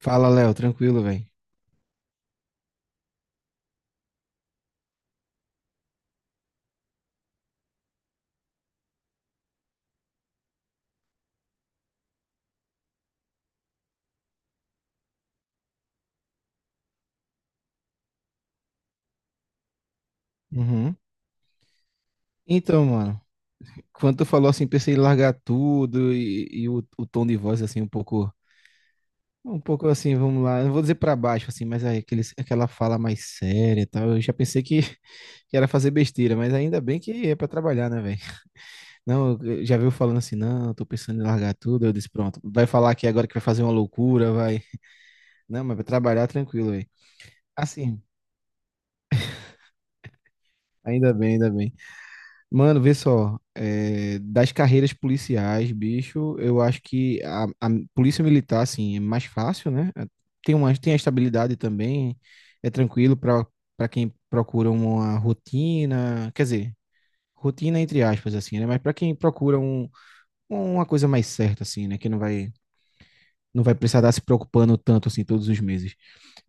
Fala, Léo, tranquilo, velho. Uhum. Então, mano, quando tu falou assim, pensei em largar tudo e o tom de voz assim um pouco assim, vamos lá. Eu não vou dizer pra baixo, assim, mas aí aquela fala mais séria e tal. Eu já pensei que, que era fazer besteira, mas ainda bem que é pra trabalhar, né, velho? Não, já viu falando assim, não, eu tô pensando em largar tudo. Eu disse, pronto, vai falar aqui agora que vai fazer uma loucura, vai. Não, mas vai trabalhar tranquilo, velho. Assim, ainda bem, ainda bem. Mano, vê só, é, das carreiras policiais, bicho, eu acho que a polícia militar, assim, é mais fácil, né? É, tem a estabilidade também, é tranquilo para quem procura uma rotina, quer dizer, rotina entre aspas, assim, né? Mas para quem procura uma coisa mais certa, assim, né? Que não vai precisar estar se preocupando tanto, assim, todos os meses.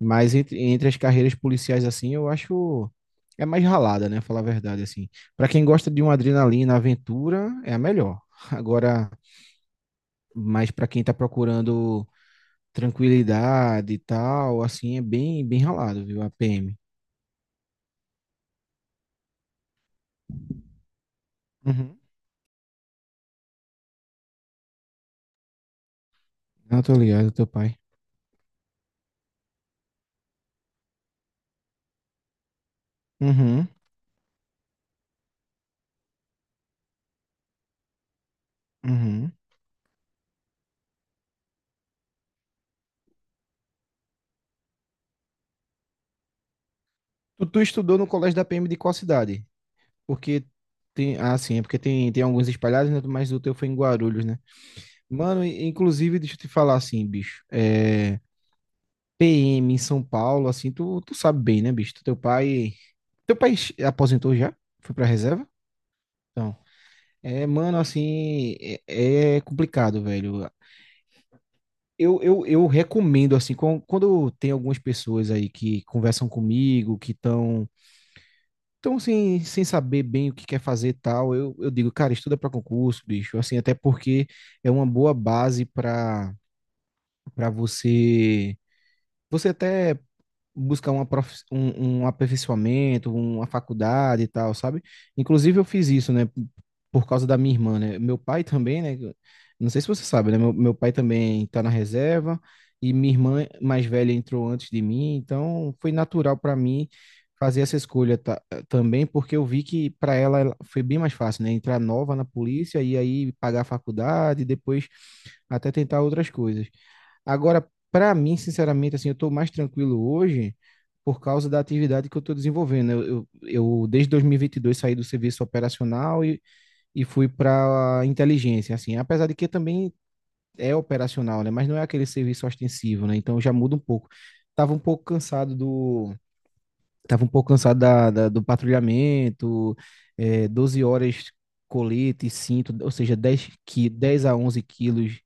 Mas entre as carreiras policiais, assim, eu acho é mais ralada, né? Falar a verdade, assim. Para quem gosta de uma adrenalina, aventura, é a melhor. Agora, mas para quem tá procurando tranquilidade e tal, assim, é bem, bem ralado, viu? A PM. Uhum. Não, tô ligado, teu pai. Uhum, uhum. Tu estudou no colégio da PM de qual cidade? Porque tem, ah, sim, é porque tem alguns espalhados, né? Mas o teu foi em Guarulhos, né? Mano, inclusive, deixa eu te falar assim, bicho. É, PM em São Paulo, assim, tu sabe bem, né, bicho? Teu pai aposentou já? Foi pra reserva? Então. É, mano, assim, é complicado, velho. Eu recomendo, assim, quando tem algumas pessoas aí que conversam comigo, que estão tão, assim, sem saber bem o que quer fazer e tal, eu digo, cara, estuda pra concurso, bicho. Assim, até porque é uma boa base pra para você. Você até buscar um aperfeiçoamento, uma faculdade e tal, sabe? Inclusive eu fiz isso, né? Por causa da minha irmã, né? Meu pai também, né? Não sei se você sabe, né? Meu pai também tá na reserva e minha irmã mais velha entrou antes de mim, então foi natural para mim fazer essa escolha também, porque eu vi que para ela foi bem mais fácil, né? Entrar nova na polícia e aí pagar a faculdade, e depois até tentar outras coisas. Agora, para mim, sinceramente, assim, eu estou mais tranquilo hoje por causa da atividade que eu estou desenvolvendo, né? Desde 2022, saí do serviço operacional e fui para inteligência, assim, apesar de que também é operacional, né? Mas não é aquele serviço ostensivo, né? Então já muda um pouco. Estava um pouco cansado do Tava um pouco cansado do patrulhamento, é, 12 horas colete, e cinto, ou seja, 10 a onze quilos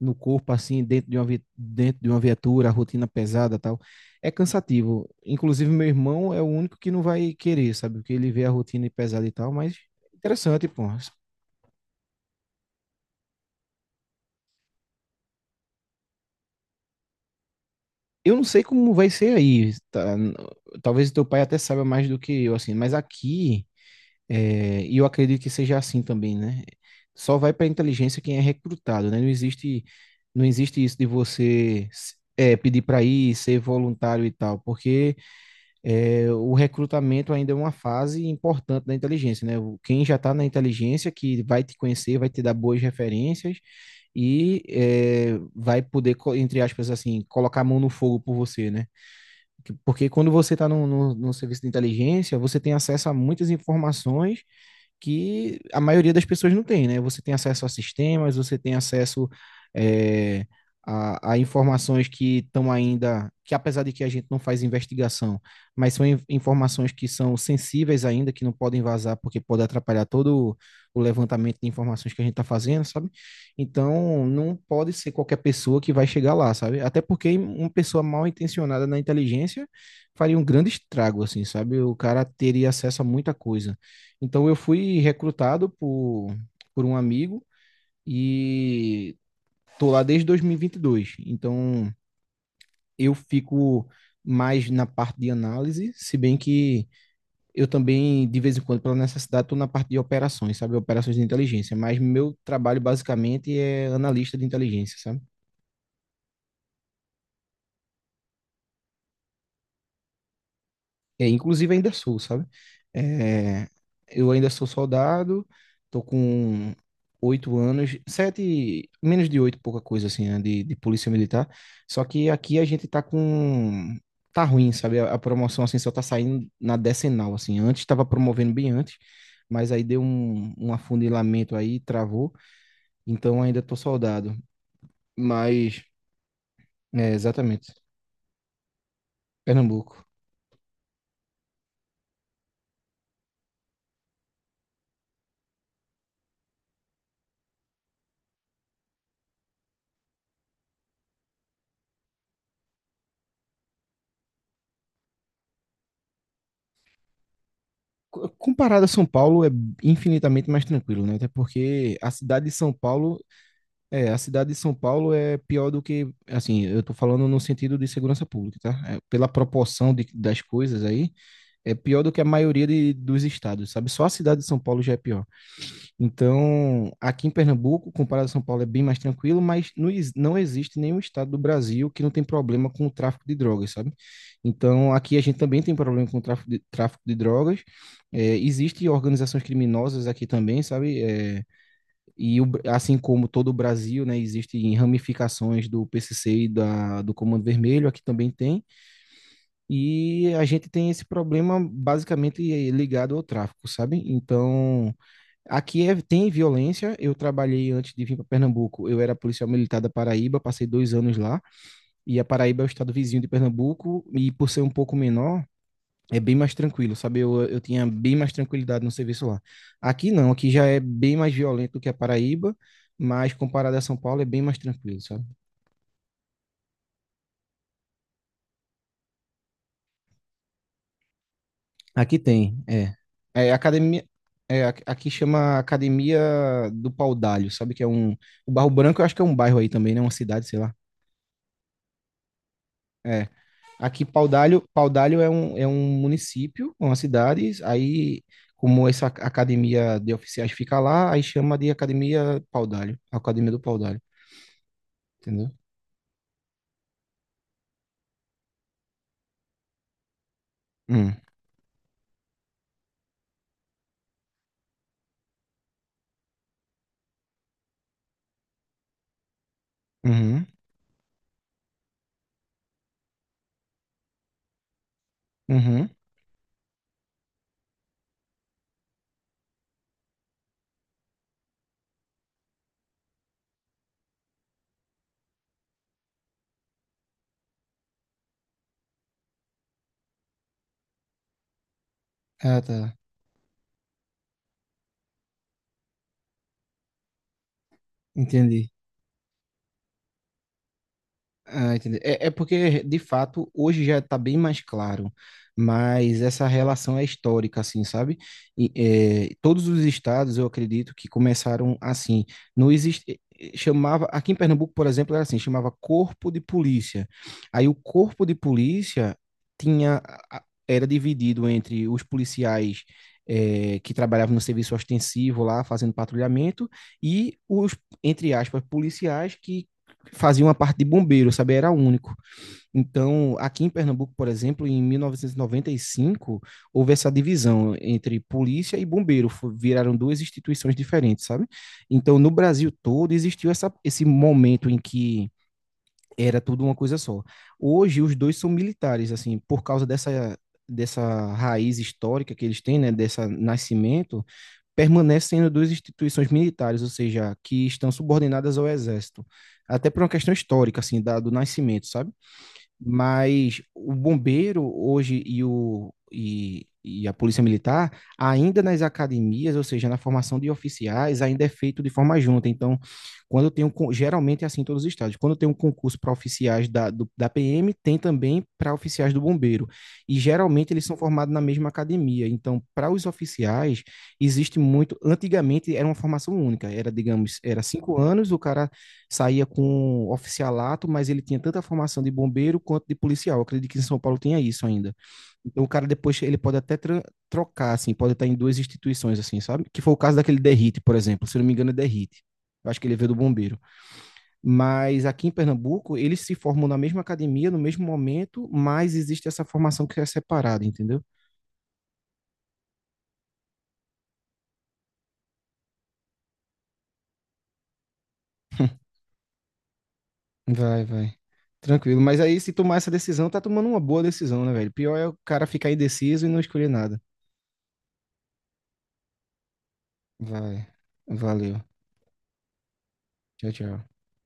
no corpo, assim, dentro de uma viatura, rotina pesada e tal. É cansativo. Inclusive, meu irmão é o único que não vai querer, sabe? Porque ele vê a rotina pesada e tal, mas interessante, pô. Eu não sei como vai ser aí, tá? Talvez o teu pai até saiba mais do que eu, assim, mas aqui. É, e eu acredito que seja assim também, né? Só vai para inteligência quem é recrutado, né? Não existe isso de você é, pedir para ir, ser voluntário e tal, porque é, o recrutamento ainda é uma fase importante da inteligência, né? Quem já está na inteligência, que vai te conhecer, vai te dar boas referências e é, vai poder, entre aspas, assim, colocar a mão no fogo por você, né? Porque quando você está no serviço de inteligência, você tem acesso a muitas informações que a maioria das pessoas não tem, né? Você tem acesso a sistemas, você tem acesso é, a informações que estão ainda, que apesar de que a gente não faz investigação, mas são informações que são sensíveis ainda, que não podem vazar porque pode atrapalhar todo o levantamento de informações que a gente está fazendo, sabe? Então, não pode ser qualquer pessoa que vai chegar lá, sabe? Até porque uma pessoa mal intencionada na inteligência faria um grande estrago, assim, sabe? O cara teria acesso a muita coisa. Então eu fui recrutado por um amigo e tô lá desde dois mil e vinte e dois. Então eu fico mais na parte de análise, se bem que eu também, de vez em quando, pela necessidade, estou na parte de operações, sabe? Operações de inteligência. Mas meu trabalho, basicamente, é analista de inteligência, sabe? É, inclusive ainda sou, sabe? É, eu ainda sou soldado, tô com 8 anos, sete, menos de oito, pouca coisa assim, né, de polícia militar. Só que aqui a gente tá ruim, sabe? A promoção assim só tá saindo na decenal, assim. Antes estava promovendo bem antes, mas aí deu um afunilamento aí, travou. Então ainda tô soldado, mas, é, exatamente, Pernambuco. Comparado a São Paulo, é infinitamente mais tranquilo, né? Até porque a cidade de São Paulo é pior do que, assim, eu tô falando no sentido de segurança pública, tá? É, pela proporção das coisas aí, é pior do que a maioria dos estados, sabe? Só a cidade de São Paulo já é pior. Então, aqui em Pernambuco, comparado a São Paulo, é bem mais tranquilo, mas não, não existe nenhum estado do Brasil que não tem problema com o tráfico de drogas, sabe? Então, aqui a gente também tem problema com o tráfico de drogas. É, existem organizações criminosas aqui também, sabe? É, e o assim como todo o Brasil, né, existem ramificações do PCC e do Comando Vermelho, aqui também tem. E a gente tem esse problema basicamente ligado ao tráfico, sabe? Então. Aqui tem violência. Eu trabalhei antes de vir para Pernambuco. Eu era policial militar da Paraíba, passei 2 anos lá. E a Paraíba é o estado vizinho de Pernambuco. E por ser um pouco menor, é bem mais tranquilo, sabe? Eu tinha bem mais tranquilidade no serviço lá. Aqui não, aqui já é bem mais violento do que a Paraíba, mas comparado a São Paulo é bem mais tranquilo, sabe? Aqui tem, é. É academia. É, aqui chama Academia do Paudalho, sabe? Que é um. O Barro Branco, eu acho que é um bairro aí também, né? Uma cidade, sei lá. É. Aqui, Paudalho, Paudalho é um município, uma cidade, aí, como essa academia de oficiais fica lá, aí chama de Academia Paudalho, Academia do Paudalho, entendeu? Hum, uhum, uhum. Ah, tá, entendi. Ah, entendi. É porque, de fato, hoje já está bem mais claro, mas essa relação é histórica, assim, sabe? E, é, todos os estados, eu acredito, que começaram assim. Não existe. Chamava. Aqui em Pernambuco, por exemplo, era assim: chamava Corpo de Polícia. Aí o Corpo de Polícia tinha. Era dividido entre os policiais, é, que trabalhavam no serviço ostensivo lá, fazendo patrulhamento, e os, entre aspas, policiais que fazia uma parte de bombeiro, sabe? Era único. Então, aqui em Pernambuco, por exemplo, em 1995, houve essa divisão entre polícia e bombeiro, viraram duas instituições diferentes, sabe? Então, no Brasil todo existiu esse momento em que era tudo uma coisa só. Hoje, os dois são militares, assim, por causa dessa raiz histórica que eles têm, né, desse nascimento, permanecem sendo duas instituições militares, ou seja, que estão subordinadas ao exército. Até por uma questão histórica, assim, do nascimento, sabe? Mas o bombeiro hoje e a polícia militar, ainda nas academias, ou seja, na formação de oficiais, ainda é feito de forma junta. Então, quando eu tenho, geralmente é assim em todos os estados, quando eu tenho um concurso para oficiais da PM, tem também para oficiais do bombeiro. E geralmente eles são formados na mesma academia. Então, para os oficiais, existe muito. Antigamente era uma formação única, era, digamos, era 5 anos, o cara saía com um oficialato, mas ele tinha tanta formação de bombeiro quanto de policial. Eu acredito que em São Paulo tinha isso ainda. Então o cara depois ele pode até trocar, assim, pode estar em duas instituições, assim, sabe? Que foi o caso daquele Derrite, por exemplo. Se não me engano, é Derrite. Eu acho que ele veio do bombeiro. Mas aqui em Pernambuco, eles se formam na mesma academia, no mesmo momento, mas existe essa formação que é separada, entendeu? Vai, vai. Tranquilo. Mas aí, se tomar essa decisão, tá tomando uma boa decisão, né, velho? Pior é o cara ficar indeciso e não escolher nada. Vai. Valeu. Tchau, tchau.